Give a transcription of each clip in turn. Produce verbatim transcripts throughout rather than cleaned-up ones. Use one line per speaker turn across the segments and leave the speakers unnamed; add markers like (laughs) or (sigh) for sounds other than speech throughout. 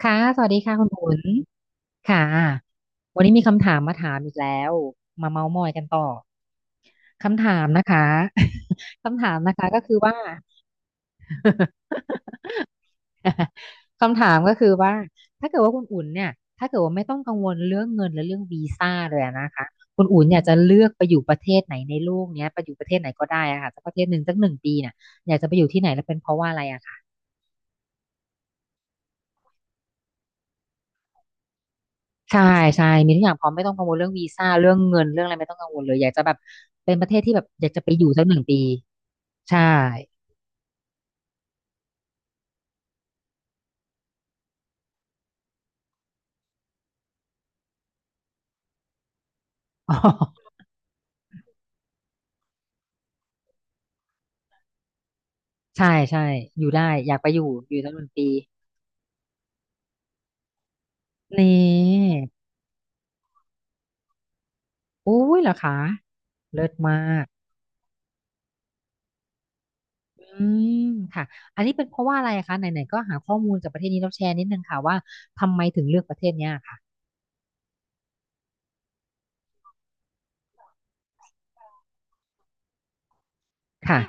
ค่ะสวัสดีค่ะคุณอุ่นค่ะวันนี้มีคำถามมาถามอีกแล้วมาเม้าท์มอยกันต่อคำถามนะคะ (laughs) คำถามนะคะก็คือว่า (laughs) คำถามก็คือว่าถ้าเกิดว่าคุณอุ่นเนี่ยถ้าเกิดว่าไม่ต้องกังวลเรื่องเงินและเรื่องวีซ่าเลยอะนะคะคุณอุ่นอยากจะเลือกไปอยู่ประเทศไหนในโลกเนี้ยไปอยู่ประเทศไหนก็ได้อะค่ะสักประเทศหนึ่งสักหนึ่งปีเนี่ยอยากจะไปอยู่ที่ไหนและเป็นเพราะว่าอะไรอะคะ ใช่ใช่มีทุกอย่างพร้อมไม่ต้องกังวลเรื่องวีซ่าเรื่องเงินเรื่องอะไรไม่ต้องกังวลเลยอยากจะแบบเป็นประเทศที่แบบอยากจะไปอยู่สักหนึ่งปีใช่ (laughs) อ๋อใช่ใช่อยู่ได้อยากไปอยู่อยู่สักหนึ่งปีนี่อุ้ยเหรอคะเลิศมากอืมค่ะอันนี้เป็นเพราะว่าอะไรคะไหนๆก็หาข้อมูลจากประเทศนี้แล้วแชร์นิดนึงค่ะว่าทำไมถึงเลือกประเทศเนี้ยค่ะค่ะ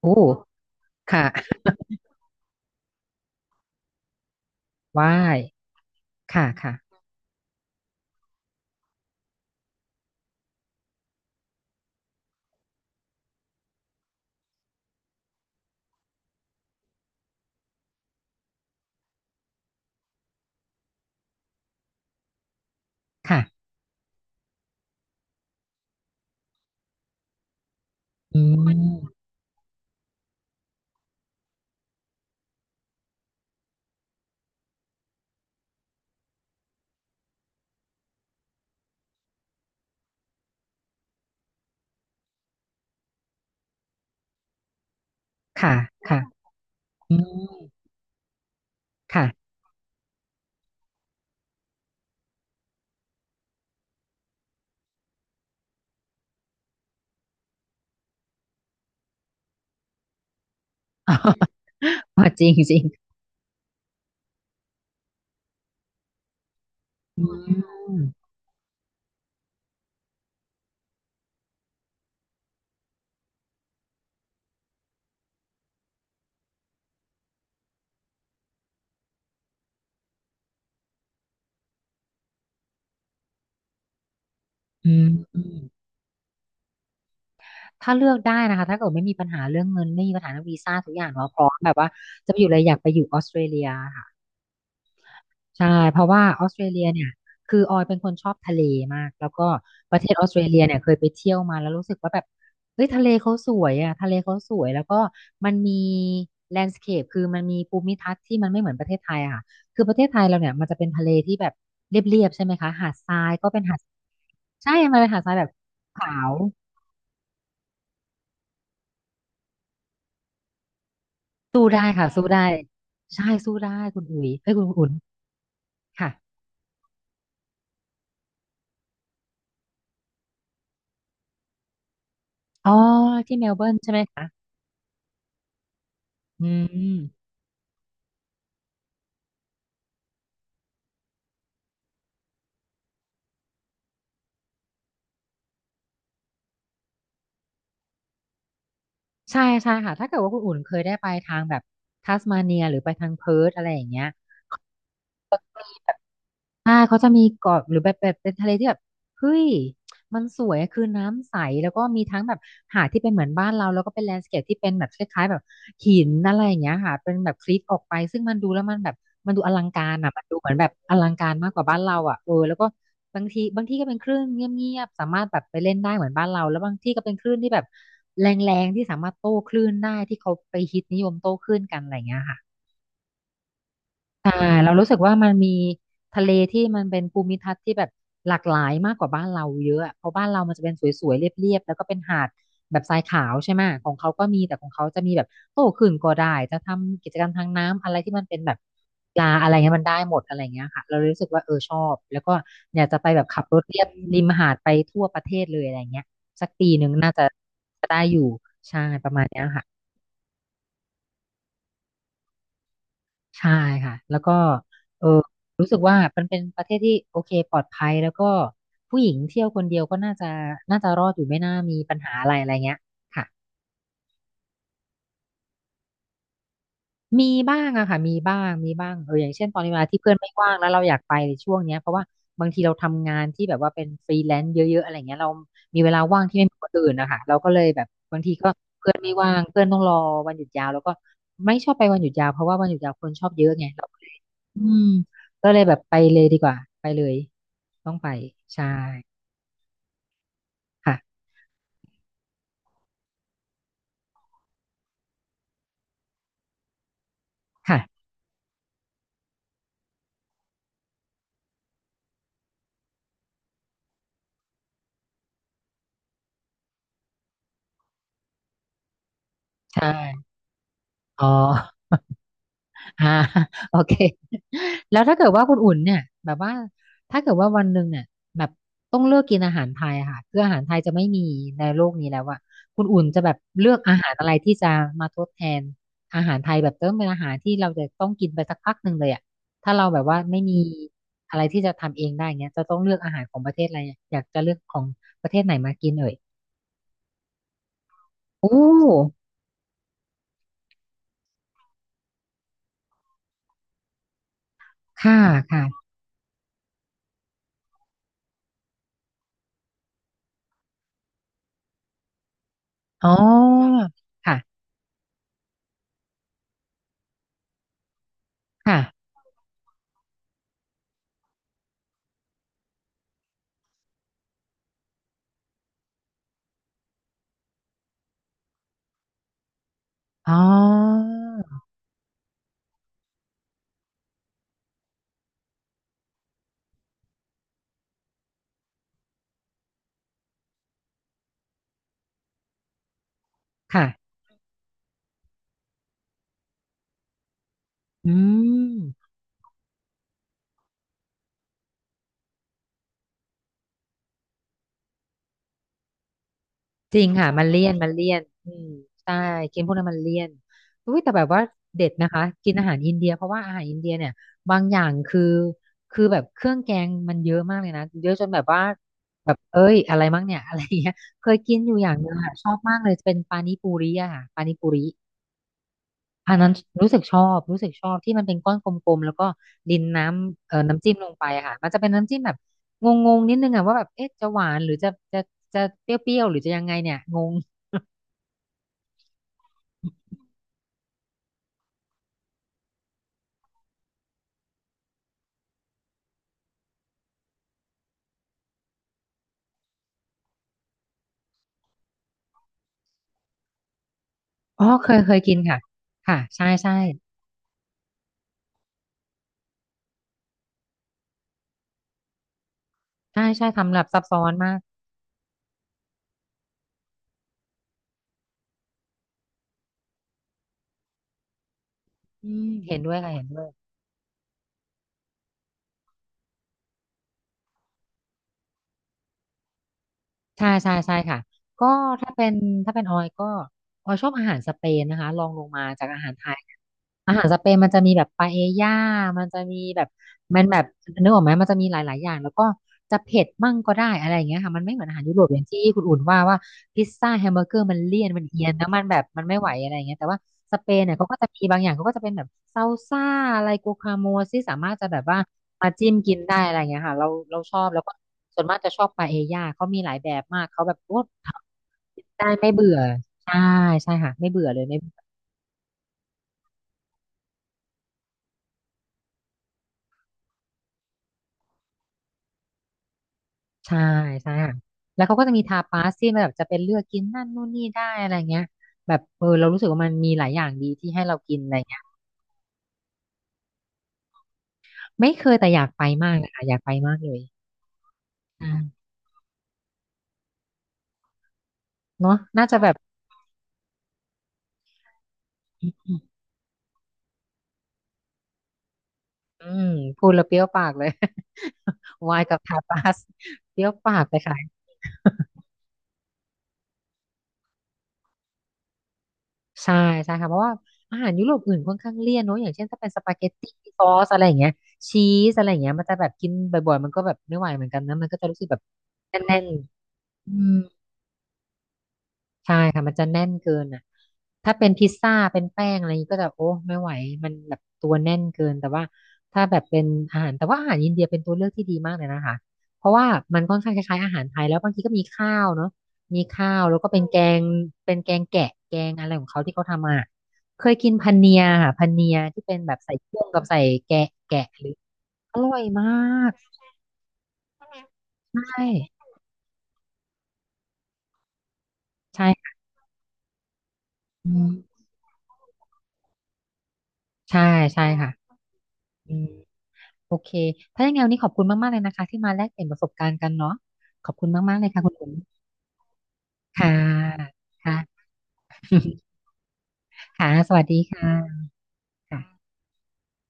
โอ้ค่ะว้ายค่ะค่ะค่ะอืมค่ะค่ะอืมค่ะ (laughs) อ๋อจริงจริงอืมอืมอืมถ้าเลือกได้นะคะถ้าเกิดไม่มีปัญหาเรื่องเงินไม่มีปัญหาเรื่องวีซ่าทุกอย่างเนาะพร้อมแบบว่าจะไปอยู่เลยอยากไปอยู่ออสเตรเลียค่ะ ใช่เพราะว่าออสเตรเลียเนี่ยคือออยเป็นคนชอบทะเลมากแล้วก็ประเทศออสเตรเลียเนี่ยเคยไปเที่ยวมาแล้วรู้สึกว่าแบบเฮ้ยทะเลเขาสวยอ่ะทะเลเขาสวยแล้วก็มันมีแลนด์สเคปคือมันมีภูมิทัศน์ที่มันไม่เหมือนประเทศไทยอะค่ะคือประเทศไทยเราเนี่ยมันจะเป็นทะเลที่แบบเรียบๆใช่ไหมคะหาดทรายก็เป็นหาดใช่มันเป็นหาดทรายแบบขาวสู้ได้ค่ะสู้ได้ใช่สู้ได้คุณอุ๋ยเอ้ยคุณอุ่นค่ะอ๋อที่เมลเบิร์นใช่ไหมคะอืม ใช่ใช่ค่ะ ถ้าเกิดว่าคุณอุ่นเคยได้ไปทางแบบทัสมาเนียหรือไปทางเพิร์ทอะไรอย่างเงี้ย อ่าเขาจะมีเกาะหรือแบบแบบเป็นทะเลที่แบบเฮ้ยมันสวยอะคือน้ำใสแล้วก็มีทั้งแบบหาดที่เป็นเหมือนบ้านเราแล้วก็เป็นแลนด์สเคปที่เป็นแบบคล้ายๆแบบหินอะไรอย่างเงี้ยค่ะเป็นแบบคลิปออกไปซึ่งมันดูแล้วมันแบบมันดูอลังการอ่ะมันดูเหมือนแบบอลังการมากกว่าบ้านเราอ่ะเออแล้วก็บางทีบางที่ก็เป็นคลื่นเงียบๆสามารถแบบไปเล่นได้เหมือนบ้านเราแล้วบางที่ก็เป็นคลื่นที่แบบแรงๆที่สามารถโต้คลื่นได้ที่เขาไปฮิตนิยมโต้คลื่นกันอะไรอย่างเงี้ยค่ะ ใช่าเรารู้สึกว่ามันมีทะเลที่มันเป็นภูมิทัศน์ที่แบบหลากหลายมากกว่าบ้านเราเยอะอะเพราะบ้านเรามันจะเป็นสวยๆเรียบๆแล้วก็เป็นหาดแบบทรายขาวใช่ไหมของเขาก็มีแต่ของเขาจะมีแบบโต้ขื่นก็ได้จะทำกิจกรรมทางน้ำอะไรที่มันเป็นแบบปลาอะไรเงี้ยมันได้หมดอะไรเงี้ยค่ะเรารู้สึกว่าเออชอบแล้วก็อยากจะไปแบบขับรถเลียบริมหาดไปทั่วประเทศเลยอะไรเงี้ยสักปีหนึ่งน่าจะได้อยู่ใช่ประมาณเนี้ยค่ะ ใช่ค่ะแล้วก็เออรู้สึกว่ามันเป็นประเทศที่โอเคปลอดภัยแล้วก็ผู้หญิงเที่ยวคนเดียวก็น่าจะน่าจะรอดอยู่ไม่น่ามีปัญหาอะไรอะไรเงี้ยค่ะมีบ้างอะค่ะมีบ้างมีบ้างเอออย่างเช่นตอนนี้เวลาที่เพื่อนไม่ว่างแล้วเราอยากไปในช่วงเนี้ยเพราะว่าบางทีเราทำงานที่แบบว่าเป็นฟรีแลนซ์เยอะๆอะไรเงี้ยเรามีเวลาว่างที่ไม่เหมือนคนอื่นนะคะเราก็เลยแบบบางทีก็เพื่อนไม่ว่างเพื่อนต้องรอวันหยุดยาวแล้วก็ไม่ชอบไปวันหยุดยาวเพราะว่าวันหยุดยาวคนชอบเยอะไง อืมก็เลยแบบไปเลยดีกว่าไปเลยต้องไปใช่ค่ะค่ะใช่อ๋อ อ่า (laughs) โอเคแล้วถ้าเกิดว่าคุณอุ่นเนี่ยแบบว่าถ้าเกิดว่าวันหนึ่งเนี่ยแบบต้องเลือกกินอาหารไทยอะค่ะคืออาหารไทยจะไม่มีในโลกนี้แล้วอะคุณอุ่นจะแบบเลือกอาหารอะไรที่จะมาทดแทนอาหารไทยแบบเติมเป็นอาหารที่เราจะต้องกินไปสักพักหนึ่งเลยอะถ้าเราแบบว่าไม่มีอะไรที่จะทำเองได้เงี้ยจะต้องเลือกอาหารของประเทศอะไรอะอยากจะเลือกของประเทศไหนมากินเอ่ยโอ้ค่ะค่ะอ๋อค่ะค่ะอ๋อค่ะ อืมจริงค่ะมันเลี่ยนมันเลี่ยนอืมใช่กินพวกนั้นมันเลี่ยนอุ้ยแต่แบบว่าเด็ดนะคะกินอาหารอินเดียเพราะว่าอาหารอินเดียเนี่ยบางอย่างคือคือแบบเครื่องแกงมันเยอะมากเลยนะเยอะจนแบบว่าแบบเอ้ยอะไรมั้งเนี่ยอะไรอย่างเงี้ยเคยกินอยู่อย่างหนึงค่ะชอบมากเลยเป็นปานิปูริอะค่ะปานิปูริ อันนั้นรู้สึกชอบรู้สึกชอบที่มันเป็นก้อนกลมๆแล้วก็ดินน้ำเอ่อน้ำจิ้มลงไปอะค่ะมันจะเป็นน้ำจิ้มแบบงงๆนิดนึงอะว่าแบบเอ๊ะจะหวานหรือจะจะจะเปรี้ยวๆหรือจะยังไงเนี่ยงงอ๋อเคยเคยกินค่ะค่ะใช่ใช่ใช่ใช่ทำแบบซับซ้อนมากอืมเห็นด้วยค่ะเห็นด้วยใช่ใช่ใช่ค่ะก็ถ้าเป็นถ้าเป็นออยก็ออยชอบอาหารสเปนนะคะรองลงมาจากอาหารไท อาหารสเปนมันจะมีแบบปาเอญ่ามันจะมีแบบมันแบบนึกออกไหมมันจะมีหลายๆอย่างแล้วก็จะเผ็ดมั่งก็ได้อะไรอย่างเงี้ยค่ะมันไม่เหมือนอาหารยุโรปอย่างที่คุณอุ่นว่าว่าพิซซ่าแฮมเบอร์เกอร์มันเลี่ยนมันเอียนแล้วมันแบบมันไม่ไหวอะไรอย่างเงี้ยแต่ว่าสเปนเนี่ยเขาก็จะมีบางอย่างเขาก็จะเป็นแบบซาลซ่าอะไรกูคาโมที่สามารถจะแบบว่ามาจิ้มกินได้อะไรอย่างเงี้ยค่ะเราเราชอบแล้วก็ส่วนมากจะชอบปาเอญ่าเขามีหลายแบบมากเขาแบบโอ้ได้ไม่เบื่อใช่ใช่ค่ะไม่เบื่อเลยไม่ ใช่ใช่ค่ะแล้วเขาก็จะมีทาปาสที่มันแบบจะเป็นเลือกกินนั่นนู่นนี่ได้อะไรเงี้ยแบบเออเรารู้สึกว่ามันมีหลายอย่างดีที่ให้เรากินอะไรเงี้ยไม่เคยแต่อยากไปมากนะคะอยากไปมากเลยอ่าเนาะน่าจะแบบอืมพูดแล้วเปรี้ยวปากเลย (laughs) วายกับทาปาสเปรี้ยวปากไปค่ะใช่ใช่ค่ะเพราะว่าอาหารยุโรปอื่นค่อนข้างเลี่ยนเนอะอย่างเช่นถ้าเป็นสปาเกตตี้ซอสอะไรอย่างเงี้ยชีสอะไรอย่างเงี้ยมันจะแบบกินบ่อยๆมันก็แบบไม่ไหวเหมือนกันนะมันก็จะรู้สึกแบบแน่นๆอืม ใช่ค่ะมันจะแน่นเกินอ่ะถ้าเป็นพิซซ่าเป็นแป้งอะไรอย่างนี้ก็จะโอ้ไม่ไหวมันแบบตัวแน่นเกินแต่ว่าถ้าแบบเป็นอาหารแต่ว่าอาหารอินเดียเป็นตัวเลือกที่ดีมากเลยนะคะเพราะว่ามันค่อนข้างคล้ายๆอาหารไทยแล้วบางทีก็มีข้าวเนาะมีข้าวแล้วก็เป็นแกงเป็นแกงแกะแกงอะไรของเขาที่เขาทำมาเคยกินพันเนียค่ะพันเนียที่เป็นแบบใส่เครื่องกับใส่แกะแกะหรืออร่อยมากใช่ใช่ค่ะอืมใช่ใช่ค่ะอืม โอเคถ้าอย่างไงวันนี้ขอบคุณมากๆเลยนะคะที่มาแลกเปลี่ยนประสบการณ์กันเนาะขอบคุณมากๆเลยค่ะคุณอุมค่ะค่ะ (laughs) ค่ะ สวัสดีค่ะค่ะ